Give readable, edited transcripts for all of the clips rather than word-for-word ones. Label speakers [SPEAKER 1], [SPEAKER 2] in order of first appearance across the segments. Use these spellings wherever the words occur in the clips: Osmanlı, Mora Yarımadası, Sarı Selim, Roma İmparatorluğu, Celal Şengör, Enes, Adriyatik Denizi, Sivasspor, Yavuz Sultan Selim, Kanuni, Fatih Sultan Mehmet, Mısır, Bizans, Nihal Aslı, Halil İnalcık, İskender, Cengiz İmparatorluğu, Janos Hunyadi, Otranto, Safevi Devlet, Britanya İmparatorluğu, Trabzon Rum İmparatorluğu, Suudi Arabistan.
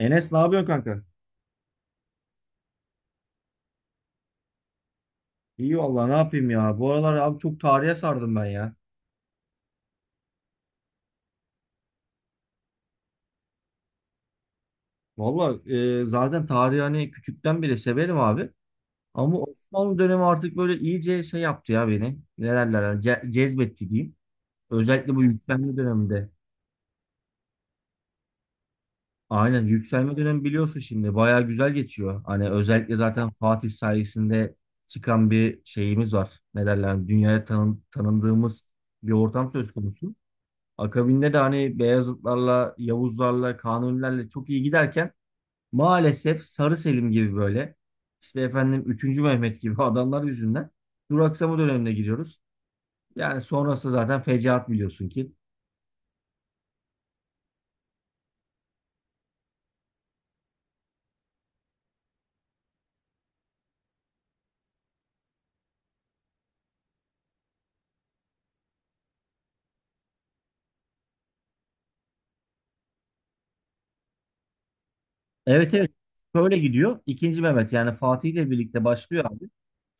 [SPEAKER 1] Enes ne yapıyorsun kanka? İyi vallahi ne yapayım ya. Bu aralar abi çok tarihe sardım ben ya. Vallahi zaten tarihi hani küçükten beri severim abi. Ama Osmanlı dönemi artık böyle iyice şey yaptı ya beni. Ne derler hani cezbetti diyeyim. Özellikle bu yükselme döneminde. Aynen yükselme dönemi biliyorsun şimdi. Bayağı güzel geçiyor. Hani özellikle zaten Fatih sayesinde çıkan bir şeyimiz var. Ne derler hani dünyaya tanındığımız bir ortam söz konusu. Akabinde de hani Beyazıtlarla, Yavuzlarla, Kanunilerle çok iyi giderken maalesef Sarı Selim gibi böyle işte efendim üçüncü Mehmet gibi adamlar yüzünden duraksama dönemine giriyoruz. Yani sonrası zaten fecaat biliyorsun ki. Evet, evet, şöyle gidiyor. İkinci Mehmet yani Fatih ile birlikte başlıyor abi.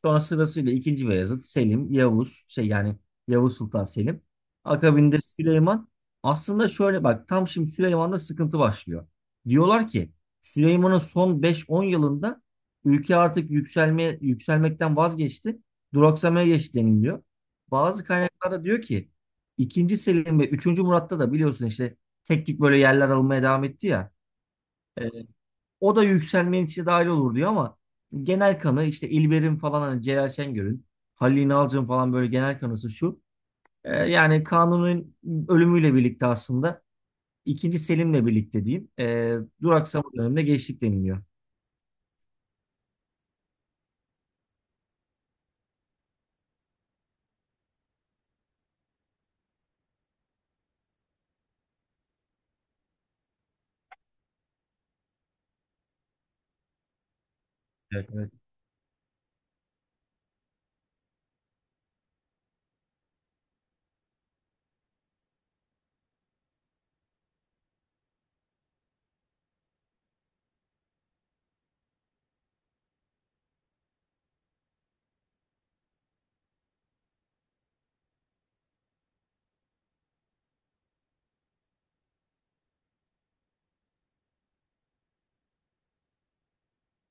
[SPEAKER 1] Sonra sırasıyla ikinci Beyazıt, Selim, Yavuz, şey yani Yavuz Sultan Selim. Akabinde Süleyman. Aslında şöyle bak tam şimdi Süleyman'da sıkıntı başlıyor. Diyorlar ki Süleyman'ın son beş on yılında ülke artık yükselme, yükselmekten vazgeçti. Duraksamaya geçti deniliyor. Bazı kaynaklarda diyor ki ikinci Selim ve üçüncü Murat'ta da biliyorsun işte tek tük böyle yerler almaya devam etti ya. e, O da yükselmenin içine dahil olur diyor ama genel kanı işte İlber'in falan hani Celal Şengör'ün, Halil İnalcık'ın falan böyle genel kanısı şu. Yani Kanun'un ölümüyle birlikte aslında ikinci Selim'le birlikte diyeyim duraksama döneminde geçtik deniliyor. Evet, evet.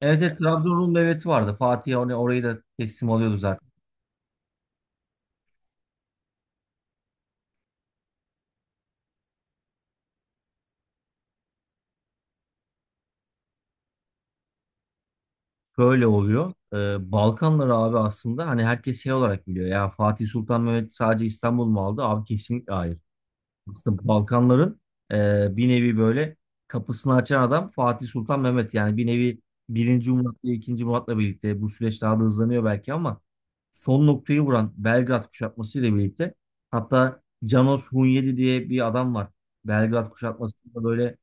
[SPEAKER 1] Evet, evet, Trabzon Rum Devleti vardı. Fatih hani orayı da teslim alıyordu zaten. Şöyle oluyor. Balkanları abi aslında hani herkes şey olarak biliyor. Ya Fatih Sultan Mehmet sadece İstanbul mu aldı? Abi kesinlikle hayır. Aslında Balkanların bir nevi böyle kapısını açan adam Fatih Sultan Mehmet. Yani bir nevi birinci Murat'la ikinci Murat'la birlikte bu süreç daha da hızlanıyor belki ama son noktayı vuran Belgrad kuşatması ile birlikte hatta Janos Hunyadi diye bir adam var. Belgrad kuşatmasında böyle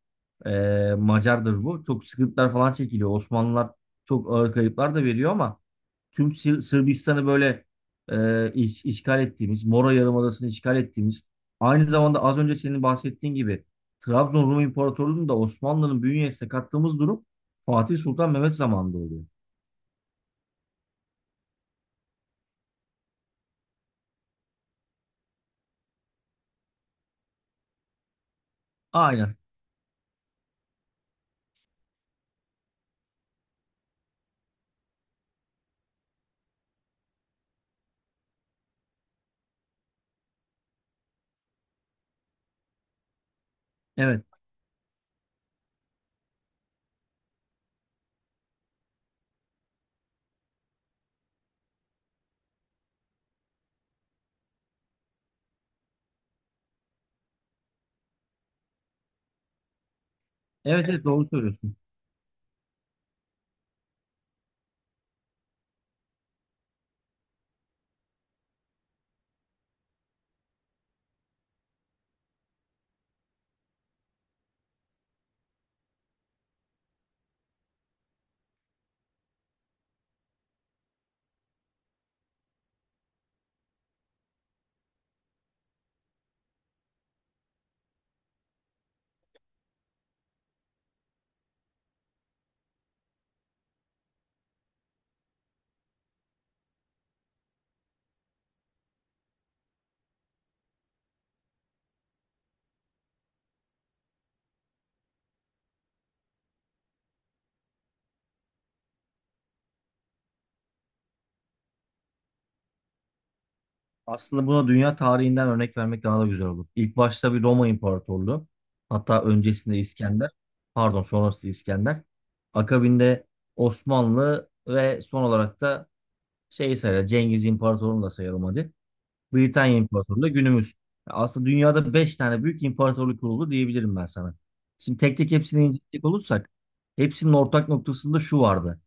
[SPEAKER 1] Macardır bu. Çok sıkıntılar falan çekiliyor. Osmanlılar çok ağır kayıplar da veriyor ama tüm Sırbistan'ı böyle işgal ettiğimiz, Mora Yarımadası'nı işgal ettiğimiz, aynı zamanda az önce senin bahsettiğin gibi Trabzon Rum İmparatorluğu'nu da Osmanlı'nın bünyesine kattığımız durum Fatih Sultan Mehmet zamanında oluyor. Aynen. Evet. Evet, evet, doğru söylüyorsun. Aslında buna dünya tarihinden örnek vermek daha da güzel olur. İlk başta bir Roma İmparatorluğu. Hatta öncesinde İskender. Pardon, sonrasında İskender. Akabinde Osmanlı ve son olarak da şey sayar, Cengiz İmparatorluğu'nu da sayalım hadi. Britanya İmparatorluğu da günümüz. Aslında dünyada 5 tane büyük imparatorluk kuruldu diyebilirim ben sana. Şimdi tek tek hepsini inceleyecek olursak hepsinin ortak noktasında şu vardı.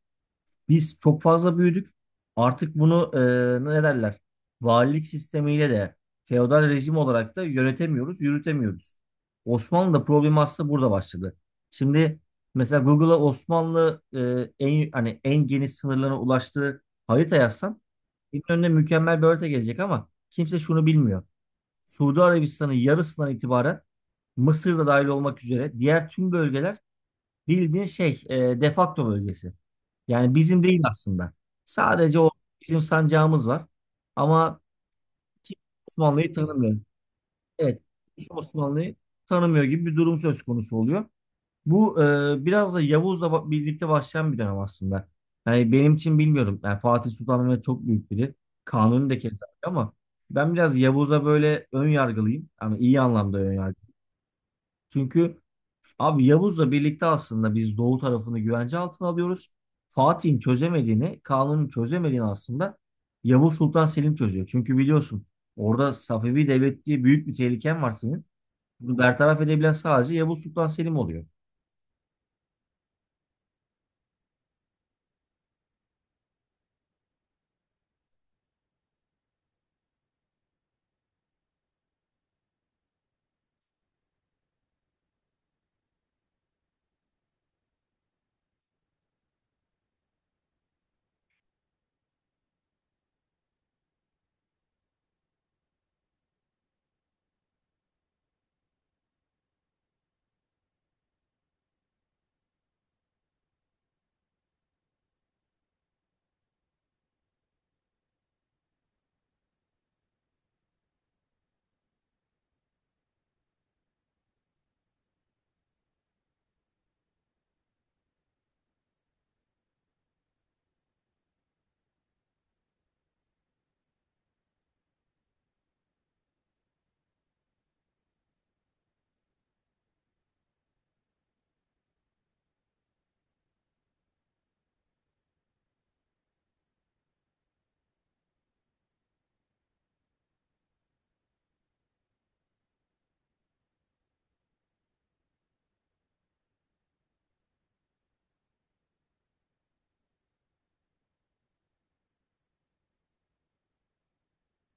[SPEAKER 1] Biz çok fazla büyüdük. Artık bunu ne derler? Valilik sistemiyle de feodal rejim olarak da yönetemiyoruz, yürütemiyoruz. Osmanlı'da problem aslında burada başladı. Şimdi mesela Google'a Osmanlı en hani en geniş sınırlarına ulaştığı harita yazsam benim önüne mükemmel bir harita gelecek ama kimse şunu bilmiyor. Suudi Arabistan'ın yarısından itibaren Mısır'da dahil olmak üzere diğer tüm bölgeler, bildiğin şey defakto bölgesi. Yani bizim değil aslında. Sadece o bizim sancağımız var. Ama kimse Osmanlı'yı tanımıyor. Evet, kimse Osmanlı'yı tanımıyor gibi bir durum söz konusu oluyor. Bu biraz da Yavuz'la birlikte başlayan bir dönem aslında. Yani benim için bilmiyorum. Yani Fatih Sultan Mehmet çok büyük biri. Kanuni de keza öyle ama ben biraz Yavuz'a böyle ön yargılıyım. Ama iyi anlamda önyargılıyım. Çünkü abi Yavuz'la birlikte aslında biz Doğu tarafını güvence altına alıyoruz. Fatih'in çözemediğini, Kanun'un çözemediğini aslında Yavuz Sultan Selim çözüyor. Çünkü biliyorsun orada Safevi Devlet diye büyük bir tehliken var senin. Bunu bertaraf edebilen sadece Yavuz Sultan Selim oluyor.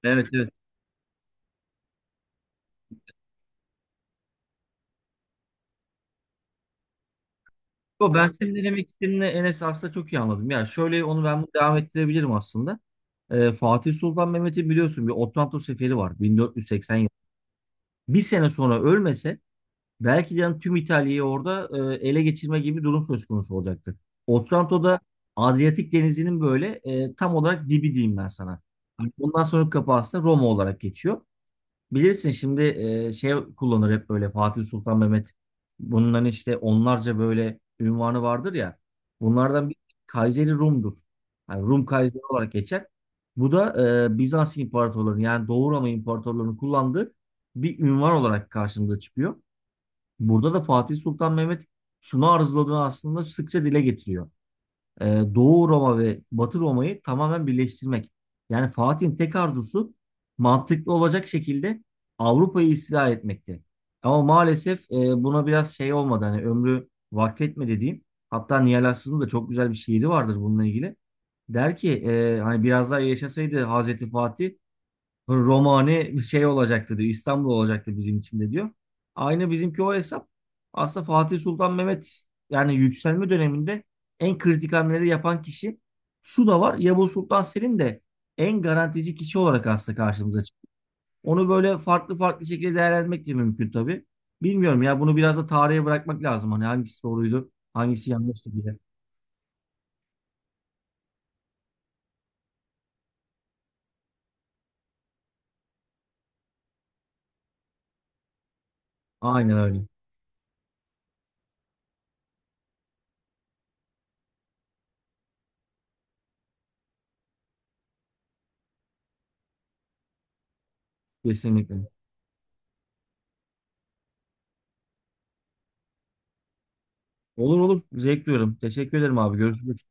[SPEAKER 1] Evet, evet. Yo, ben senin ne demek istediğini Enes aslında çok iyi anladım. Yani şöyle, onu ben bunu devam ettirebilirim aslında. Fatih Sultan Mehmet'in biliyorsun bir Otranto seferi var, 1480 yıl. Bir sene sonra ölmese belki de yani tüm İtalya'yı orada ele geçirme gibi bir durum söz konusu olacaktı. Otranto'da Adriyatik Denizi'nin böyle tam olarak dibi diyeyim ben sana. Hani bundan sonra kapı aslında Roma olarak geçiyor. Bilirsin şimdi şey kullanır hep böyle Fatih Sultan Mehmet. Bunların işte onlarca böyle ünvanı vardır ya. Bunlardan bir Kayseri Rum'dur. Yani Rum Kayseri olarak geçer. Bu da Bizans imparatorlarının yani Doğu Roma imparatorlarının kullandığı bir ünvan olarak karşımıza çıkıyor. Burada da Fatih Sultan Mehmet şunu arzuladığını aslında sıkça dile getiriyor. Ee, Doğu Roma ve Batı Roma'yı tamamen birleştirmek. Yani Fatih'in tek arzusu mantıklı olacak şekilde Avrupa'yı istila etmekti. Ama maalesef buna biraz şey olmadı. Hani ömrü vakfetmedi dediğim. Hatta Nihal Aslı'nın da çok güzel bir şiiri vardır bununla ilgili. Der ki hani biraz daha yaşasaydı Hazreti Fatih, Romane şey olacaktı diyor. İstanbul olacaktı bizim için de diyor. Aynı bizimki o hesap. Aslında Fatih Sultan Mehmet yani yükselme döneminde en kritik hamleleri yapan kişi. Şu da var, Yavuz Sultan Selim de en garantici kişi olarak aslında karşımıza çıkıyor. Onu böyle farklı farklı şekilde değerlendirmek de mümkün tabii. Bilmiyorum ya, bunu biraz da tarihe bırakmak lazım. Hani hangisi doğruydu, hangisi yanlıştı diye. Aynen öyle. Kesinlikle. Olur olur. Zevk duyuyorum. Teşekkür ederim abi. Görüşürüz.